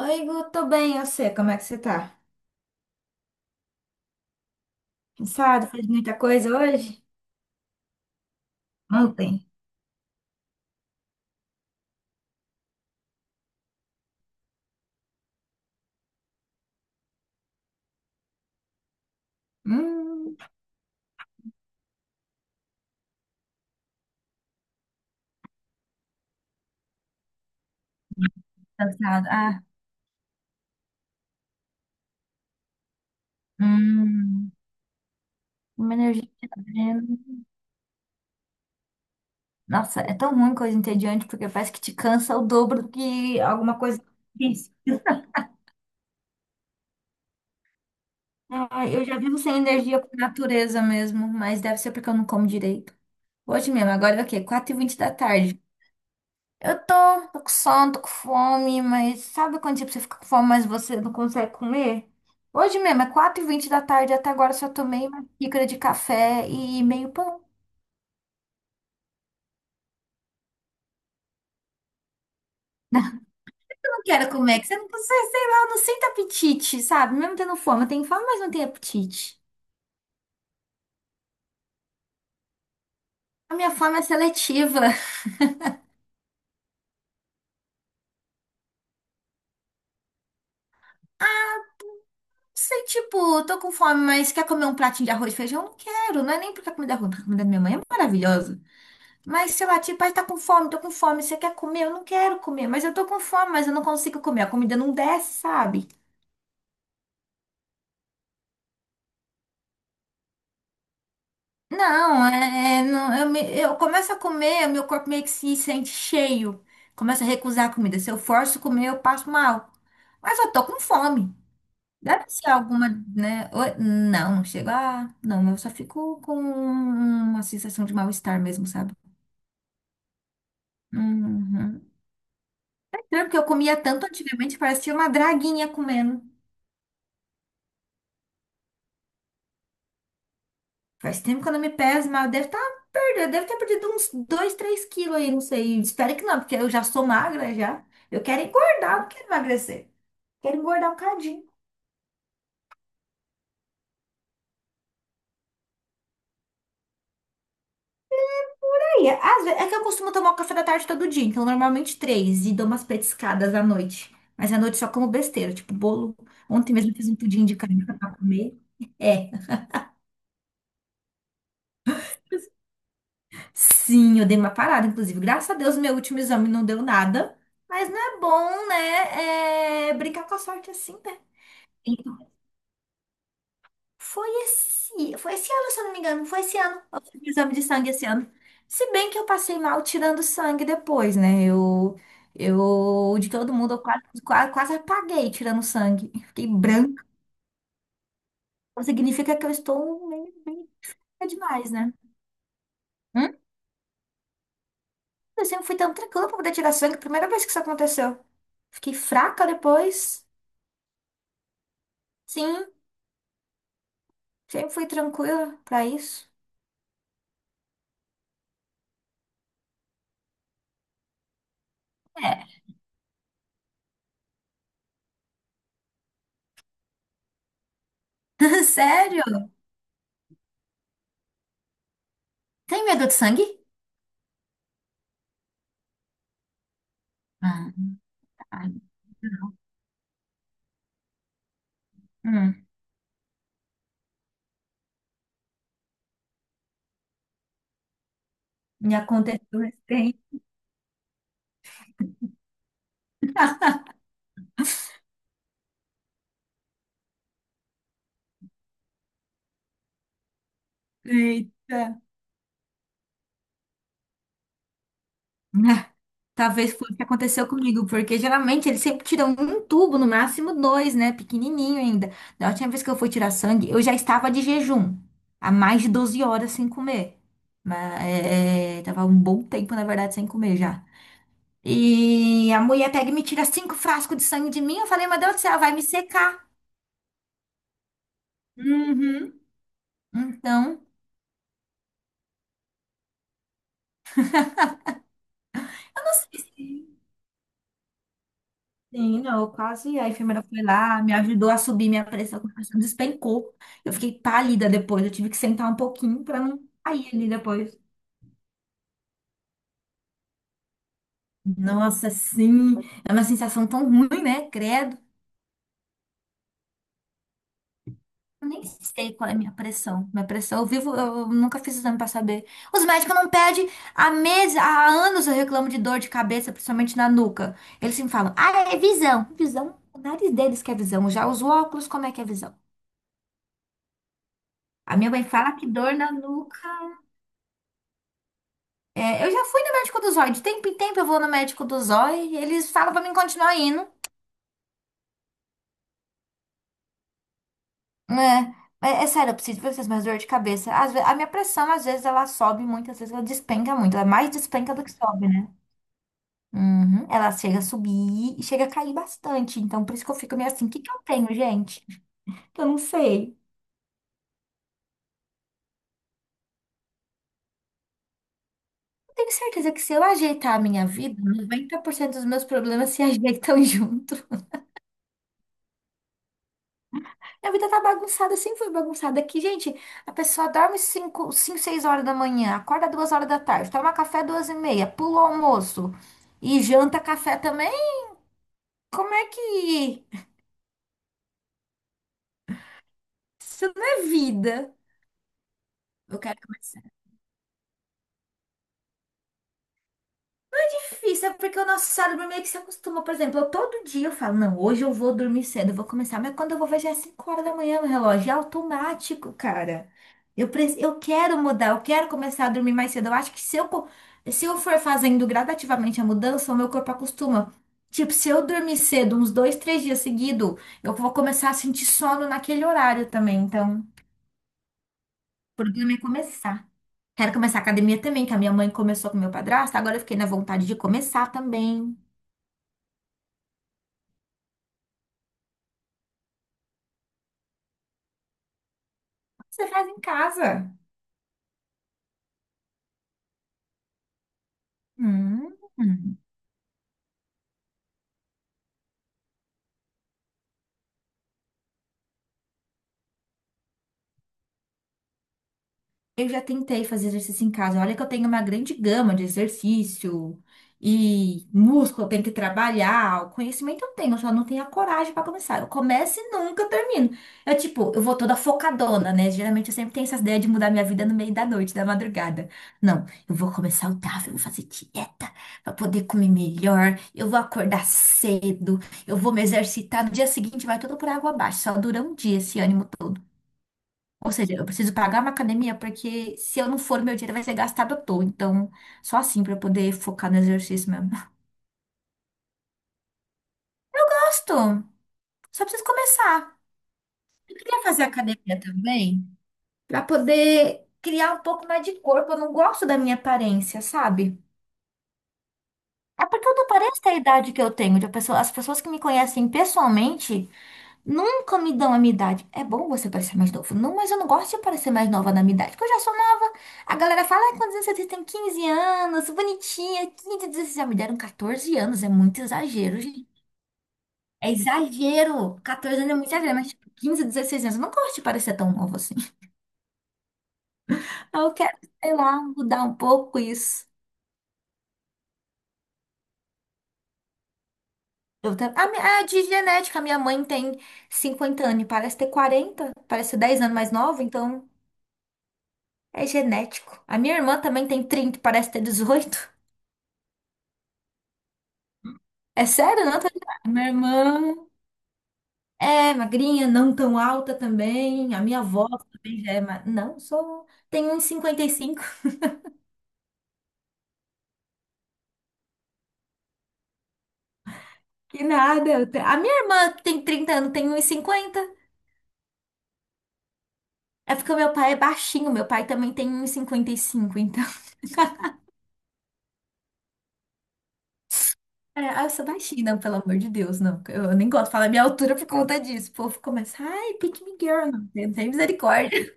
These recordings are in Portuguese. Oi, Gu, tô bem, eu sei, como é que você tá? Cansado? Fez muita coisa hoje? Ontem? Hum, cansado. Ah, hum, uma energia que tá vendo. Nossa, é tão ruim coisa entediante, porque parece que te cansa o dobro do que alguma coisa difícil. Ah, eu já vivo sem energia por natureza mesmo, mas deve ser porque eu não como direito. Hoje mesmo, agora é o quê? 4h20 da tarde. Eu tô com sono, tô com fome, mas sabe quando tipo, você fica com fome, mas você não consegue comer? Hoje mesmo, é 4h20 da tarde, até agora eu só tomei uma xícara de café e meio pão. Não quero comer, que você não consegue, sei lá, eu não sinto apetite, sabe? Mesmo tendo fome, eu tenho fome, mas não tenho apetite. A minha fome é seletiva. Não sei, tipo, tô com fome, mas quer comer um pratinho de arroz e feijão? Não quero, não é nem porque a comida é ruim, porque a comida da minha mãe é maravilhosa. Mas se eu bater, pai, tá com fome, tô com fome, você quer comer? Eu não quero comer, mas eu tô com fome, mas eu não consigo comer, a comida não desce, sabe? Não, não, eu começo a comer, meu corpo meio que se sente cheio, começa a recusar a comida. Se eu forço comer, eu passo mal. Mas eu tô com fome. Deve ser alguma, né? Não, não chega. Ah, não, eu só fico com uma sensação de mal-estar mesmo, sabe? Uhum. É estranho, porque eu comia tanto antigamente, parecia uma draguinha comendo. Faz tempo que eu não me peso, mas eu devo estar perdendo, devo ter perdido uns 2, 3 quilos aí, não sei. Espero que não, porque eu já sou magra já. Eu quero engordar, não quero emagrecer. Quero engordar um cadinho. Aí, às vezes, é que eu costumo tomar o café da tarde todo dia, então normalmente três e dou umas petiscadas à noite. Mas à noite só como besteira, tipo bolo. Ontem mesmo eu fiz um pudim de canela pra comer. É, sim, eu dei uma parada, inclusive. Graças a Deus, meu último exame não deu nada. Mas não é bom, né? É, brincar com a sorte é assim, né? Foi esse ano, se eu não me engano. Foi esse ano. Eu fiz o exame de sangue esse ano. Se bem que eu passei mal tirando sangue depois, né? Eu de todo mundo, eu quase, quase, quase apaguei tirando sangue. Fiquei branca. Significa que eu estou meio fraca demais, né? Hum? Eu sempre fui tão tranquila pra poder tirar sangue. Primeira vez que isso aconteceu. Fiquei fraca depois. Sim, sempre fui tranquila pra isso. É. Sério? Tem medo de sangue? Ah, ai. Me aconteceu recente. Eita. Ah, talvez foi o que aconteceu comigo, porque geralmente eles sempre tiram um tubo, no máximo dois, né? Pequenininho ainda. Da última vez que eu fui tirar sangue, eu já estava de jejum, há mais de 12 horas sem comer. Mas tava um bom tempo, na verdade, sem comer já. E a mulher pega e me tira 5 frascos de sangue de mim. Eu falei, meu Deus do céu, vai me secar. Uhum. Então, eu não sei. Sim, não, quase. A enfermeira foi lá, me ajudou a subir minha pressão despencou. Eu fiquei pálida depois, eu tive que sentar um pouquinho para não cair ali depois. Nossa, sim, é uma sensação tão ruim, né? Credo. Eu nem sei qual é a minha pressão. Minha pressão, eu vivo, eu nunca fiz exame para saber. Os médicos não pedem. Há meses, há anos eu reclamo de dor de cabeça, principalmente na nuca. Eles sempre falam, ah, é visão. Visão, o nariz deles que é visão. Já os óculos, como é que é visão? A minha mãe fala que dor na nuca. É, eu já fui no médico do zóio. De tempo em tempo eu vou no médico do zóio. E eles falam pra mim continuar indo. Né? É, é sério, eu preciso de vocês, mas dor de cabeça. A minha pressão, às vezes, ela sobe muito, às vezes ela despenca muito. Ela é mais despenca do que sobe, né? Uhum. Ela chega a subir e chega a cair bastante. Então, por isso que eu fico meio assim, o que que eu tenho, gente? Eu não sei. Eu tenho certeza que se eu ajeitar a minha vida, 90% dos meus problemas se ajeitam junto. Minha vida tá bagunçada, sempre foi bagunçada. Aqui, gente, a pessoa dorme cinco, cinco, seis horas da manhã, acorda 2 horas da tarde, toma café 2 e meia, pula o almoço e janta café também? Como é que. Isso não é vida. Eu quero. Difícil, é porque o nosso cérebro meio que se acostuma. Por exemplo, eu todo dia eu falo, não, hoje eu vou dormir cedo, eu vou começar. Mas quando eu vou ver, já é 5 horas da manhã no relógio. É automático, cara. Eu quero mudar, eu quero começar a dormir mais cedo. Eu acho que se eu for fazendo gradativamente a mudança, o meu corpo acostuma. Tipo, se eu dormir cedo, uns dois, três dias seguido, eu vou começar a sentir sono naquele horário também. Então, o problema é começar. Quero começar a academia também, que a minha mãe começou com o meu padrasto, agora eu fiquei na vontade de começar também. Você faz em casa. Hum. Eu já tentei fazer exercício em casa. Olha que eu tenho uma grande gama de exercício e músculo, eu tenho que trabalhar. O conhecimento eu tenho, eu só não tenho a coragem para começar. Eu começo e nunca termino. Eu, tipo, eu vou toda focadona, né? Geralmente eu sempre tenho essas ideias de mudar minha vida no meio da noite, da madrugada. Não, eu vou comer saudável, eu vou fazer dieta para poder comer melhor. Eu vou acordar cedo, eu vou me exercitar. No dia seguinte vai tudo por água abaixo. Só dura um dia esse ânimo. Ou seja, eu preciso pagar uma academia porque se eu não for, meu dinheiro vai ser gastado à toa. Então, só assim para eu poder focar no exercício mesmo. Gosto, só preciso começar. Eu queria fazer academia também para poder criar um pouco mais de corpo. Eu não gosto da minha aparência, sabe? É porque eu não pareço ter a idade que eu tenho. As pessoas que me conhecem pessoalmente nunca me dão a minha idade. É bom você parecer mais novo. Não, mas eu não gosto de parecer mais nova na minha idade, porque eu já sou nova. A galera fala, ai, quantos anos você tem? Tem 15 anos, bonitinha, 15, 16. Já me deram 14 anos, é muito exagero, gente. É exagero. 14 anos é muito exagero, mas tipo, 15, 16 anos. Eu não gosto de parecer tão nova assim. Aí eu quero, sei lá, mudar um pouco isso. Eu tenho a de genética, a minha mãe tem 50 anos e parece ter 40, parece ser 10 anos mais nova, então. É genético. A minha irmã também tem 30, parece ter 18. É sério? Não, tô... Minha irmã é magrinha, não tão alta também. A minha avó também já é ma... Não, sou... Tenho uns 55. Que nada. A minha irmã que tem 30 anos, tem uns 50. É porque o meu pai é baixinho. Meu pai também tem uns 55. Então... É, ah, eu sou baixinha, não, pelo amor de Deus, não. Eu nem gosto de falar minha altura por conta disso. O povo começa, ai, pick me girl, não tem misericórdia.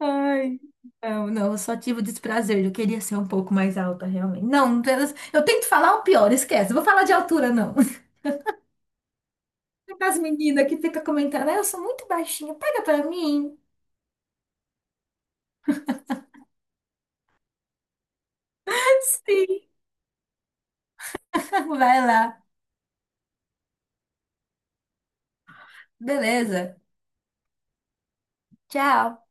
Ai, não, não, eu só tive o desprazer. Eu queria ser um pouco mais alta, realmente. Não, eu tento falar o pior, esquece. Não vou falar de altura, não. As meninas que ficam comentando, "Ah, eu sou muito baixinha, pega pra mim. Sim, vai lá. Beleza. Tchau.